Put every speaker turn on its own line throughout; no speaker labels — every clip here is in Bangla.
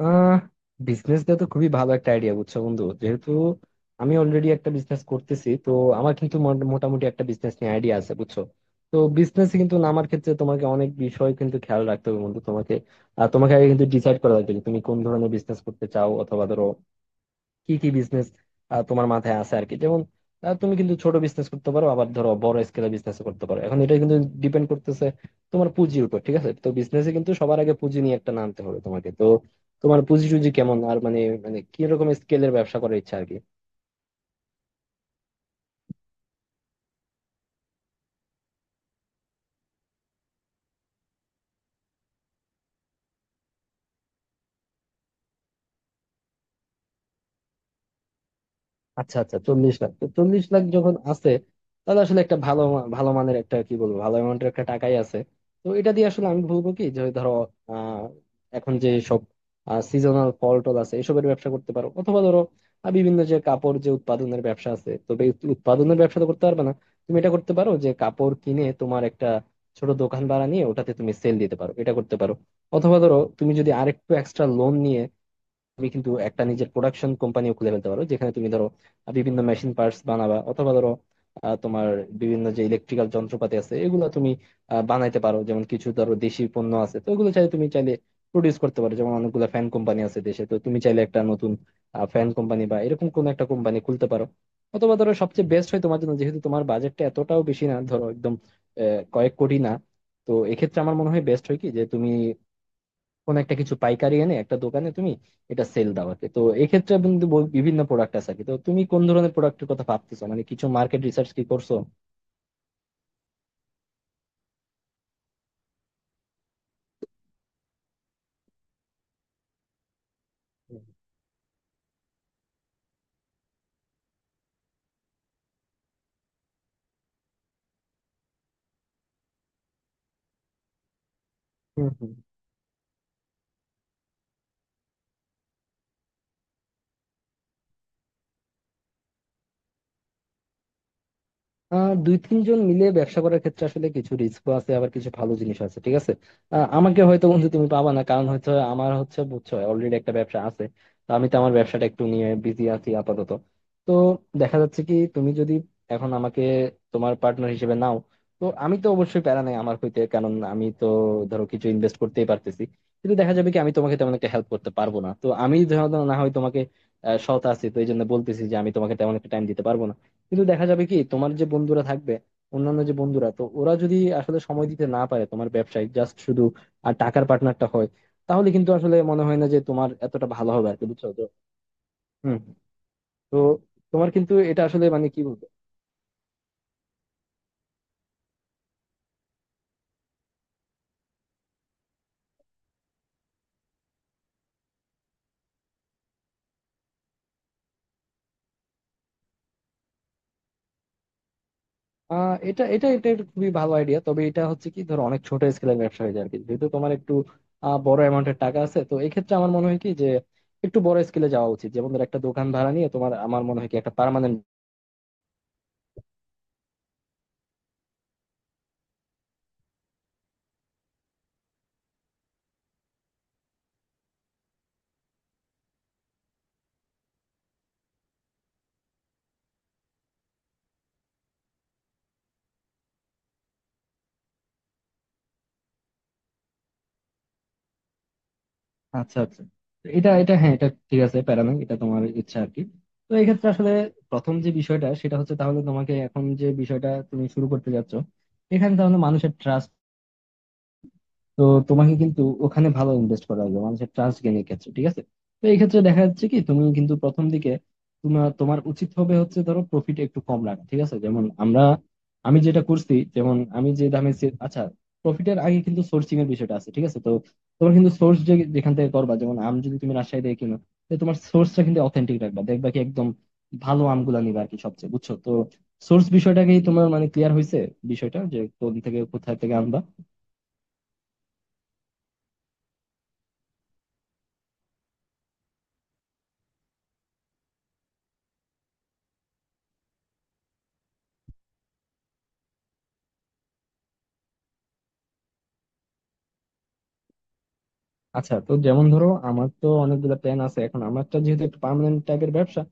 আহ বিজনেস দেওয়া তো খুবই ভালো একটা আইডিয়া, বুঝছো বন্ধু? যেহেতু আমি অলরেডি একটা বিজনেস করতেছি, তো আমার কিন্তু মোটামুটি একটা বিজনেস নিয়ে আইডিয়া আছে, বুঝছো। তো বিজনেস কিন্তু নামার ক্ষেত্রে তোমাকে অনেক বিষয় কিন্তু খেয়াল রাখতে হবে বন্ধু, তোমাকে আর তোমাকে আগে কিন্তু ডিসাইড করা লাগবে যে তুমি কোন ধরনের বিজনেস করতে চাও। অথবা ধরো কি কি বিজনেস তোমার মাথায় আছে আর কি। যেমন তুমি কিন্তু ছোট বিজনেস করতে পারো, আবার ধরো বড় স্কেলে বিজনেস করতে পারো। এখন এটা কিন্তু ডিপেন্ড করতেছে তোমার পুঁজির উপর, ঠিক আছে। তো বিজনেসে কিন্তু সবার আগে পুঁজি নিয়ে একটা নামতে হবে তোমাকে। তো তোমার পুঁজি টুজি কেমন, আর মানে মানে কি রকম স্কেলের ব্যবসা করার ইচ্ছা আর কি। আচ্ছা আচ্ছা, 40 লাখ, তো 40 লাখ যখন আছে তাহলে আসলে একটা ভালো ভালো মানের একটা কি বলবো, ভালো অ্যামাউন্টের একটা টাকাই আছে। তো এটা দিয়ে আসলে আমি বলবো কি, যে ধরো আহ এখন যে সব সিজনাল ফল টল আছে এসবের ব্যবসা করতে পারো। অথবা ধরো বিভিন্ন যে কাপড় যে উৎপাদনের ব্যবসা আছে, তবে এই উৎপাদনের ব্যবসা তো করতে পারবে না তুমি। এটা করতে পারো যে কাপড় কিনে তোমার একটা ছোট দোকান ভাড়া নিয়ে ওটাতে তুমি সেল দিতে পারো, এটা করতে পারো। অথবা ধরো তুমি যদি আরেকটু এক্সট্রা লোন নিয়ে তুমি কিন্তু একটা নিজের প্রোডাকশন কোম্পানিও খুলে ফেলতে পারো, যেখানে তুমি ধরো বিভিন্ন মেশিন পার্টস বানাবা। অথবা ধরো তোমার বিভিন্ন যে ইলেকট্রিক্যাল যন্ত্রপাতি আছে এগুলো তুমি বানাইতে পারো। যেমন কিছু ধরো দেশি পণ্য আছে তো ওগুলো চাইলে তুমি চাইলে প্রডিউস করতে পারো। যেমন অনেকগুলো ফ্যান কোম্পানি আছে দেশে, তো তুমি চাইলে একটা নতুন ফ্যান কোম্পানি বা এরকম কোন একটা কোম্পানি খুলতে পারো। অথবা ধরো সবচেয়ে বেস্ট হয় তোমার জন্য, যেহেতু তোমার বাজেটটা এতটাও বেশি না, ধরো একদম কয়েক কোটি না। তো এক্ষেত্রে আমার মনে হয় বেস্ট হয় কি, যে তুমি কোন একটা কিছু পাইকারি এনে একটা দোকানে তুমি এটা সেল দাও আর কি। তো এক্ষেত্রে কিন্তু বিভিন্ন প্রোডাক্ট আছে আর কি। তো তুমি কোন ধরনের প্রোডাক্টের কথা ভাবতেছো, মানে কিছু মার্কেট রিসার্চ কি করছো? হুম, হুম। দুই তিনজন মিলে ব্যবসা করার ক্ষেত্রে আসলে কিছু রিস্ক আছে, আবার কিছু ভালো জিনিস আছে, ঠিক আছে। আমাকে হয়তো বন্ধু তুমি পাবা না, কারণ হচ্ছে আমার হচ্ছে বুঝছো অলরেডি একটা ব্যবসা আছে। তো আমি তো আমার ব্যবসাটা একটু নিয়ে বিজি আছি আপাতত। তো দেখা যাচ্ছে কি, তুমি যদি এখন আমাকে তোমার পার্টনার হিসেবে নাও, তো আমি তো অবশ্যই প্যারা নাই আমার হইতে, কারণ আমি তো ধরো কিছু ইনভেস্ট করতেই পারতেছি। কিন্তু দেখা যাবে কি আমি তোমাকে তেমন একটা হেল্প করতে পারবো না, তো আমি ধরো না হয় তোমাকে সৎ আছি, তো এই জন্য বলতেছি যে আমি তোমাকে তেমন একটা টাইম দিতে পারবো না। কিন্তু দেখা যাবে কি, তোমার যে বন্ধুরা থাকবে অন্যান্য যে বন্ধুরা, তো ওরা যদি আসলে সময় দিতে না পারে তোমার ব্যবসায়, জাস্ট শুধু আর টাকার পার্টনারটা হয়, তাহলে কিন্তু আসলে মনে হয় না যে তোমার এতটা ভালো হবে আর কি, বুঝছো তো। হম। তো তোমার কিন্তু এটা আসলে মানে কি বলবো। এটা এটা এটা একটা খুবই ভালো আইডিয়া, তবে এটা হচ্ছে কি ধরো অনেক ছোট স্কেলের ব্যবসা হয়ে যায় আর কি। যেহেতু তোমার একটু বড় অ্যামাউন্টের টাকা আছে, তো এই ক্ষেত্রে আমার মনে হয় কি যে একটু বড় স্কেলে যাওয়া উচিত। যেমন ধর একটা দোকান ভাড়া নিয়ে তোমার, আমার মনে হয় কি একটা পার্মানেন্ট। আচ্ছা আচ্ছা, এটা এটা হ্যাঁ, এটা ঠিক আছে, প্যারা নাই, এটা তোমার ইচ্ছা আর কি। তো এক্ষেত্রে আসলে প্রথম যে বিষয়টা, সেটা হচ্ছে তাহলে তোমাকে এখন যে বিষয়টা তুমি শুরু করতে যাচ্ছ, এখানে তাহলে মানুষের ট্রাস্ট। তো তোমাকে কিন্তু ওখানে ভালো ইনভেস্ট করা লাগবে মানুষের ট্রাস্ট গেইনের ক্ষেত্রে, ঠিক আছে। তো এই ক্ষেত্রে দেখা যাচ্ছে কি, তুমি কিন্তু প্রথম দিকে তোমার তোমার উচিত হবে হচ্ছে ধরো প্রফিট একটু কম রাখা, ঠিক আছে। যেমন আমরা, আমি যেটা করছি, যেমন আমি যে দামে আচ্ছা, প্রফিটের আগে কিন্তু সোর্সিং এর বিষয়টা আছে, ঠিক আছে। তো তোমার কিন্তু সোর্স যে যেখান থেকে করবা, যেমন আম যদি তুমি রাজশাহী থেকে কিনো, তো তোমার সোর্সটা কিন্তু অথেন্টিক রাখবা, দেখবা কি একদম ভালো আমগুলা নিবা আর কি সবচেয়ে, বুঝছো তো। সোর্স বিষয়টাকেই তোমার মানে ক্লিয়ার হয়েছে, বিষয়টা যে কোন থেকে কোথা থেকে আনবা। আচ্ছা, তো যেমন ধরো আমার তো অনেকগুলো প্ল্যান আছে, এখন আমারটা যেহেতু একটা পার্মানেন্ট টাইপের ব্যবসা,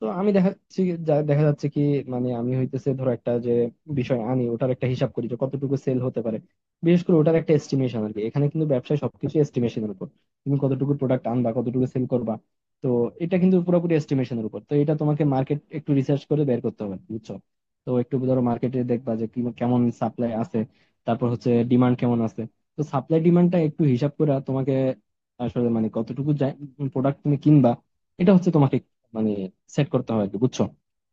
তো আমি দেখা যাচ্ছে দেখা যাচ্ছে কি মানে আমি হইতেছে ধরো একটা যে বিষয় আনি, ওটার একটা হিসাব করি যে কতটুকু সেল হতে পারে, বিশেষ করে ওটার একটা এস্টিমেশন আর কি। এখানে কিন্তু ব্যবসায় সবকিছু এস্টিমেশনের উপর, তুমি কতটুকু প্রোডাক্ট আনবা কতটুকু সেল করবা। তো এটা কিন্তু পুরোপুরি এস্টিমেশনের উপর, তো এটা তোমাকে মার্কেট একটু রিসার্চ করে বের করতে হবে, বুঝছো। তো একটু ধরো মার্কেটে দেখবা যে কেমন সাপ্লাই আছে, তারপর হচ্ছে ডিমান্ড কেমন আছে। তো সাপ্লাই ডিমান্ডটা একটু হিসাব করে তোমাকে আসলে মানে কতটুকু প্রোডাক্ট তুমি কিনবা, এটা হচ্ছে তোমাকে মানে সেট করতে হয় আর কি, বুঝছো।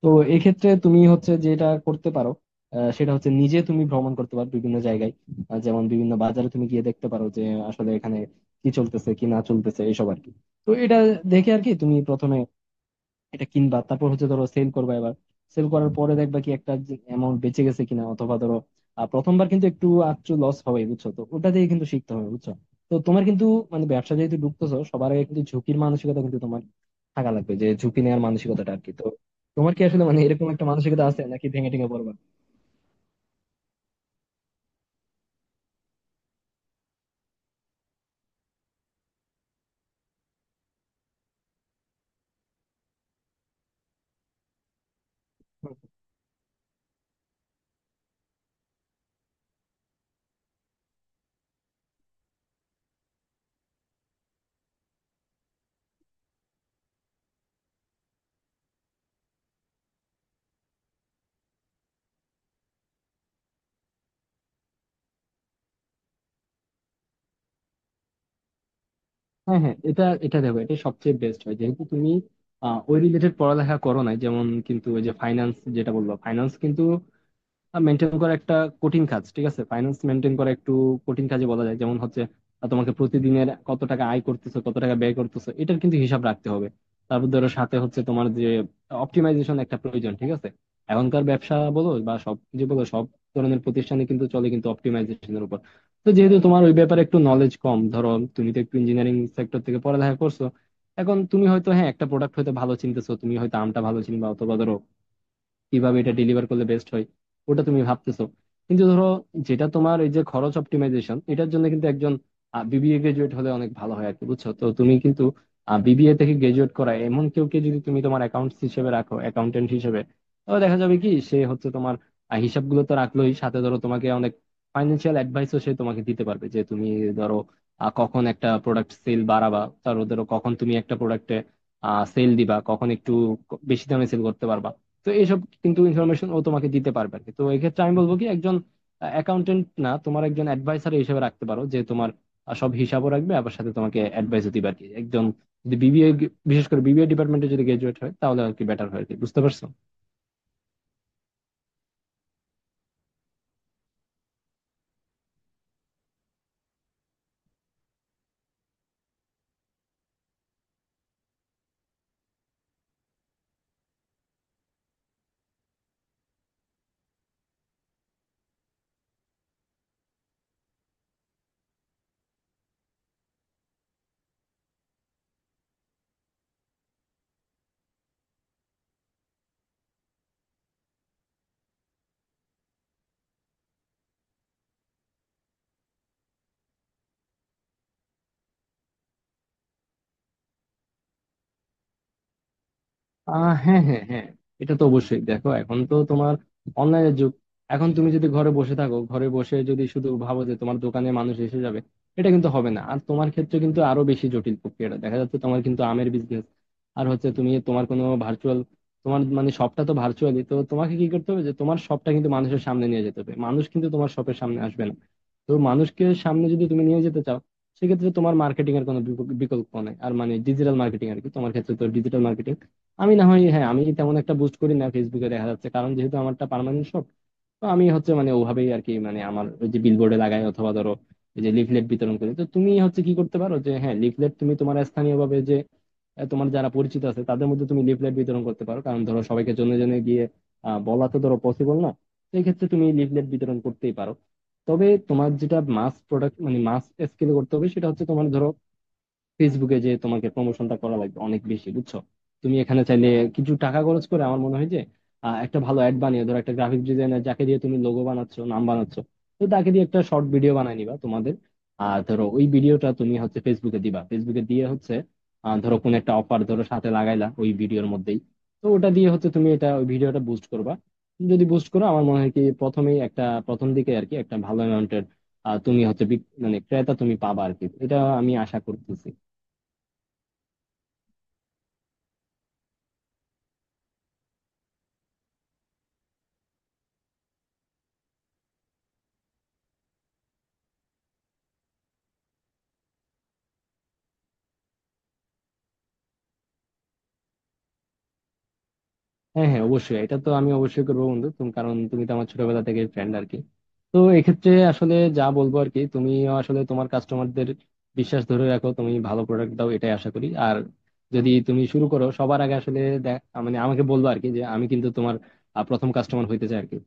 তো এক্ষেত্রে তুমি হচ্ছে যেটা করতে পারো সেটা হচ্ছে নিজে তুমি ভ্রমণ করতে পারো বিভিন্ন জায়গায়। যেমন বিভিন্ন বাজারে তুমি গিয়ে দেখতে পারো যে আসলে এখানে কি চলতেছে কি না চলতেছে এইসব আর কি। তো এটা দেখে আর কি তুমি প্রথমে এটা কিনবা, তারপর হচ্ছে ধরো সেল করবা। এবার সেল করার পরে দেখবা কি একটা অ্যামাউন্ট বেঁচে গেছে কিনা। অথবা ধরো প্রথমবার কিন্তু একটু আচ্ছু লস হবে, বুঝছো, তো ওটা দিয়ে কিন্তু শিখতে হবে, বুঝছো। তো তোমার কিন্তু মানে ব্যবসা যেহেতু ঢুকতেছো, সবার আগে কিন্তু ঝুঁকির মানসিকতা কিন্তু তোমার থাকা লাগবে, যে ঝুঁকি নেওয়ার মানসিকতাটা আর কি। তো তোমার কি আসলে মানে এরকম একটা মানসিকতা আছে নাকি ভেঙে টেঙে পড়বা? হ্যাঁ হ্যাঁ, এটা এটা দেখো, এটা সবচেয়ে বেস্ট হয়। যেহেতু তুমি ওই রিলেটেড পড়ালেখা করো না, যেমন কিন্তু ওই যে ফাইন্যান্স যেটা বললো, ফাইন্যান্স কিন্তু মেনটেন করা একটা কঠিন কাজ, ঠিক আছে। ফাইন্যান্স মেনটেন করা একটু কঠিন কাজে বলা যায়। যেমন হচ্ছে তোমাকে প্রতিদিনের কত টাকা আয় করতেছো কত টাকা ব্যয় করতেছো এটার কিন্তু হিসাব রাখতে হবে। তারপর ধরো সাথে হচ্ছে তোমার যে অপটিমাইজেশন একটা প্রয়োজন, ঠিক আছে। এখনকার ব্যবসা বলো বা সব কিছু বলো, সব ধরনের প্রতিষ্ঠানে কিন্তু চলে কিন্তু অপটিমাইজেশনের উপর। তো যেহেতু তোমার ওই ব্যাপারে একটু নলেজ কম ধরো, তুমি তো একটু ইঞ্জিনিয়ারিং সেক্টর থেকে পড়ালেখা করছো, এখন তুমি হয়তো হ্যাঁ একটা প্রোডাক্ট হয়তো ভালো চিনতেছো, তুমি হয়তো আমটা ভালো চিনবা, অথবা ধরো কিভাবে এটা ডেলিভার করলে বেস্ট হয় ওটা তুমি ভাবতেছো। কিন্তু ধরো যেটা তোমার এই যে খরচ অপটিমাইজেশন, এটার জন্য কিন্তু একজন বিবিএ গ্রাজুয়েট হলে অনেক ভালো হয় আর কি, বুঝছো। তো তুমি কিন্তু বিবিএ থেকে গ্রাজুয়েট করা এমন কেউকে যদি তুমি তোমার অ্যাকাউন্টস হিসেবে রাখো, অ্যাকাউন্টেন্ট হিসেবে, তাহলে দেখা যাবে কি সে হচ্ছে তোমার হিসাবগুলো তো রাখলোই, সাথে ধরো তোমাকে অনেক ফাইন্যান্সিয়াল অ্যাডভাইসও সে তোমাকে দিতে পারবে। যে তুমি ধরো কখন একটা প্রোডাক্ট সেল বাড়াবা, তারপর ধরো কখন তুমি একটা প্রোডাক্টে সেল দিবা, কখন একটু বেশি দামে সেল করতে পারবা। তো এইসব কিন্তু ইনফরমেশন ও তোমাকে দিতে পারবে আর কি। তো এক্ষেত্রে আমি বলবো কি, একজন অ্যাকাউন্টেন্ট না, তোমার একজন অ্যাডভাইসার হিসেবে রাখতে পারো, যে তোমার সব হিসাবও রাখবে আবার সাথে তোমাকে অ্যাডভাইসও দিবে আর কি, একজন যদি বিবিএ, বিশেষ করে বিবিএ ডিপার্টমেন্টে যদি গ্রাজুয়েট হয়, তাহলে আর কি বেটার হয় আর কি, বুঝতে পারছো। হ্যাঁ হ্যাঁ হ্যাঁ, এটা তো অবশ্যই। দেখো এখন তো তোমার অনলাইনের যুগ। এখন তুমি যদি ঘরে বসে থাকো, ঘরে বসে যদি শুধু ভাবো যে তোমার দোকানে মানুষ এসে যাবে, এটা কিন্তু হবে না। আর তোমার ক্ষেত্রে কিন্তু আরো বেশি জটিল প্রক্রিয়াটা দেখা যাচ্ছে, তোমার কিন্তু আমের বিজনেস। আর হচ্ছে তুমি তোমার কোনো ভার্চুয়াল, তোমার মানে শপটা তো ভার্চুয়ালি, তো তোমাকে কি করতে হবে যে তোমার শপটা কিন্তু মানুষের সামনে নিয়ে যেতে হবে, মানুষ কিন্তু তোমার শপের সামনে আসবে না। তো মানুষকে সামনে যদি তুমি নিয়ে যেতে চাও, সেক্ষেত্রে তোমার মার্কেটিং এর কোনো বিকল্প নেই, আর মানে ডিজিটাল মার্কেটিং আর কি তোমার ক্ষেত্রে। তো ডিজিটাল মার্কেটিং আমি না হয় হ্যাঁ আমি তেমন একটা বুস্ট করি না ফেসবুকে, দেখা যাচ্ছে কারণ যেহেতু আমারটা পার্মানেন্ট শপ, তো আমি হচ্ছে মানে ওভাবেই আর কি, মানে আমার ওই যে বিলবোর্ডে লাগাই, অথবা ধরো এই যে লিফলেট বিতরণ করি। তো তুমি হচ্ছে কি করতে পারো যে, হ্যাঁ লিফলেট তুমি তোমার স্থানীয় ভাবে যে তোমার যারা পরিচিত আছে তাদের মধ্যে তুমি লিফলেট বিতরণ করতে পারো, কারণ ধরো সবাইকে জনে জনে গিয়ে বলা তো ধরো পসিবল না। সেই ক্ষেত্রে তুমি লিফলেট বিতরণ করতেই পারো। তবে তোমার যেটা মাস প্রোডাক্ট, মানে মাস স্কেলে করতে হবে সেটা হচ্ছে তোমার ধরো ফেসবুকে যে তোমাকে প্রমোশনটা করা লাগবে অনেক বেশি, বুঝছো। তুমি এখানে চাইলে কিছু টাকা খরচ করে আমার মনে হয় যে একটা ভালো অ্যাড বানিয়ে, ধরো একটা গ্রাফিক ডিজাইনার যাকে দিয়ে তুমি লোগো বানাচ্ছ নাম বানাচ্ছ, তো তাকে দিয়ে একটা শর্ট ভিডিও বানাই নিবা তোমাদের। আর ধরো ওই ভিডিওটা তুমি হচ্ছে ফেসবুকে দিবা। ফেসবুকে দিয়ে হচ্ছে ধরো কোন একটা অফার ধরো সাথে লাগাইলা ওই ভিডিওর মধ্যেই। তো ওটা দিয়ে হচ্ছে তুমি এটা ওই ভিডিওটা বুস্ট করবা। যদি বুস্ট করো আমার মনে হয় কি প্রথমেই একটা, প্রথম দিকে আর কি, একটা ভালো অ্যামাউন্টের তুমি হচ্ছে মানে ক্রেতা তুমি পাবা আর কি, এটা আমি আশা করতেছি। হ্যাঁ হ্যাঁ অবশ্যই, এটা তো আমি অবশ্যই করবো বন্ধু তুমি, কারণ তুমি তো আমার ছোটবেলা থেকে ফ্রেন্ড আর কি। তো এক্ষেত্রে আসলে যা বলবো আর কি, তুমি আসলে তোমার কাস্টমারদের বিশ্বাস ধরে রাখো, তুমি ভালো প্রোডাক্ট দাও, এটাই আশা করি। আর যদি তুমি শুরু করো সবার আগে আসলে মানে আমাকে বলবো আর কি, যে আমি কিন্তু তোমার প্রথম কাস্টমার হইতে চাই আর কি।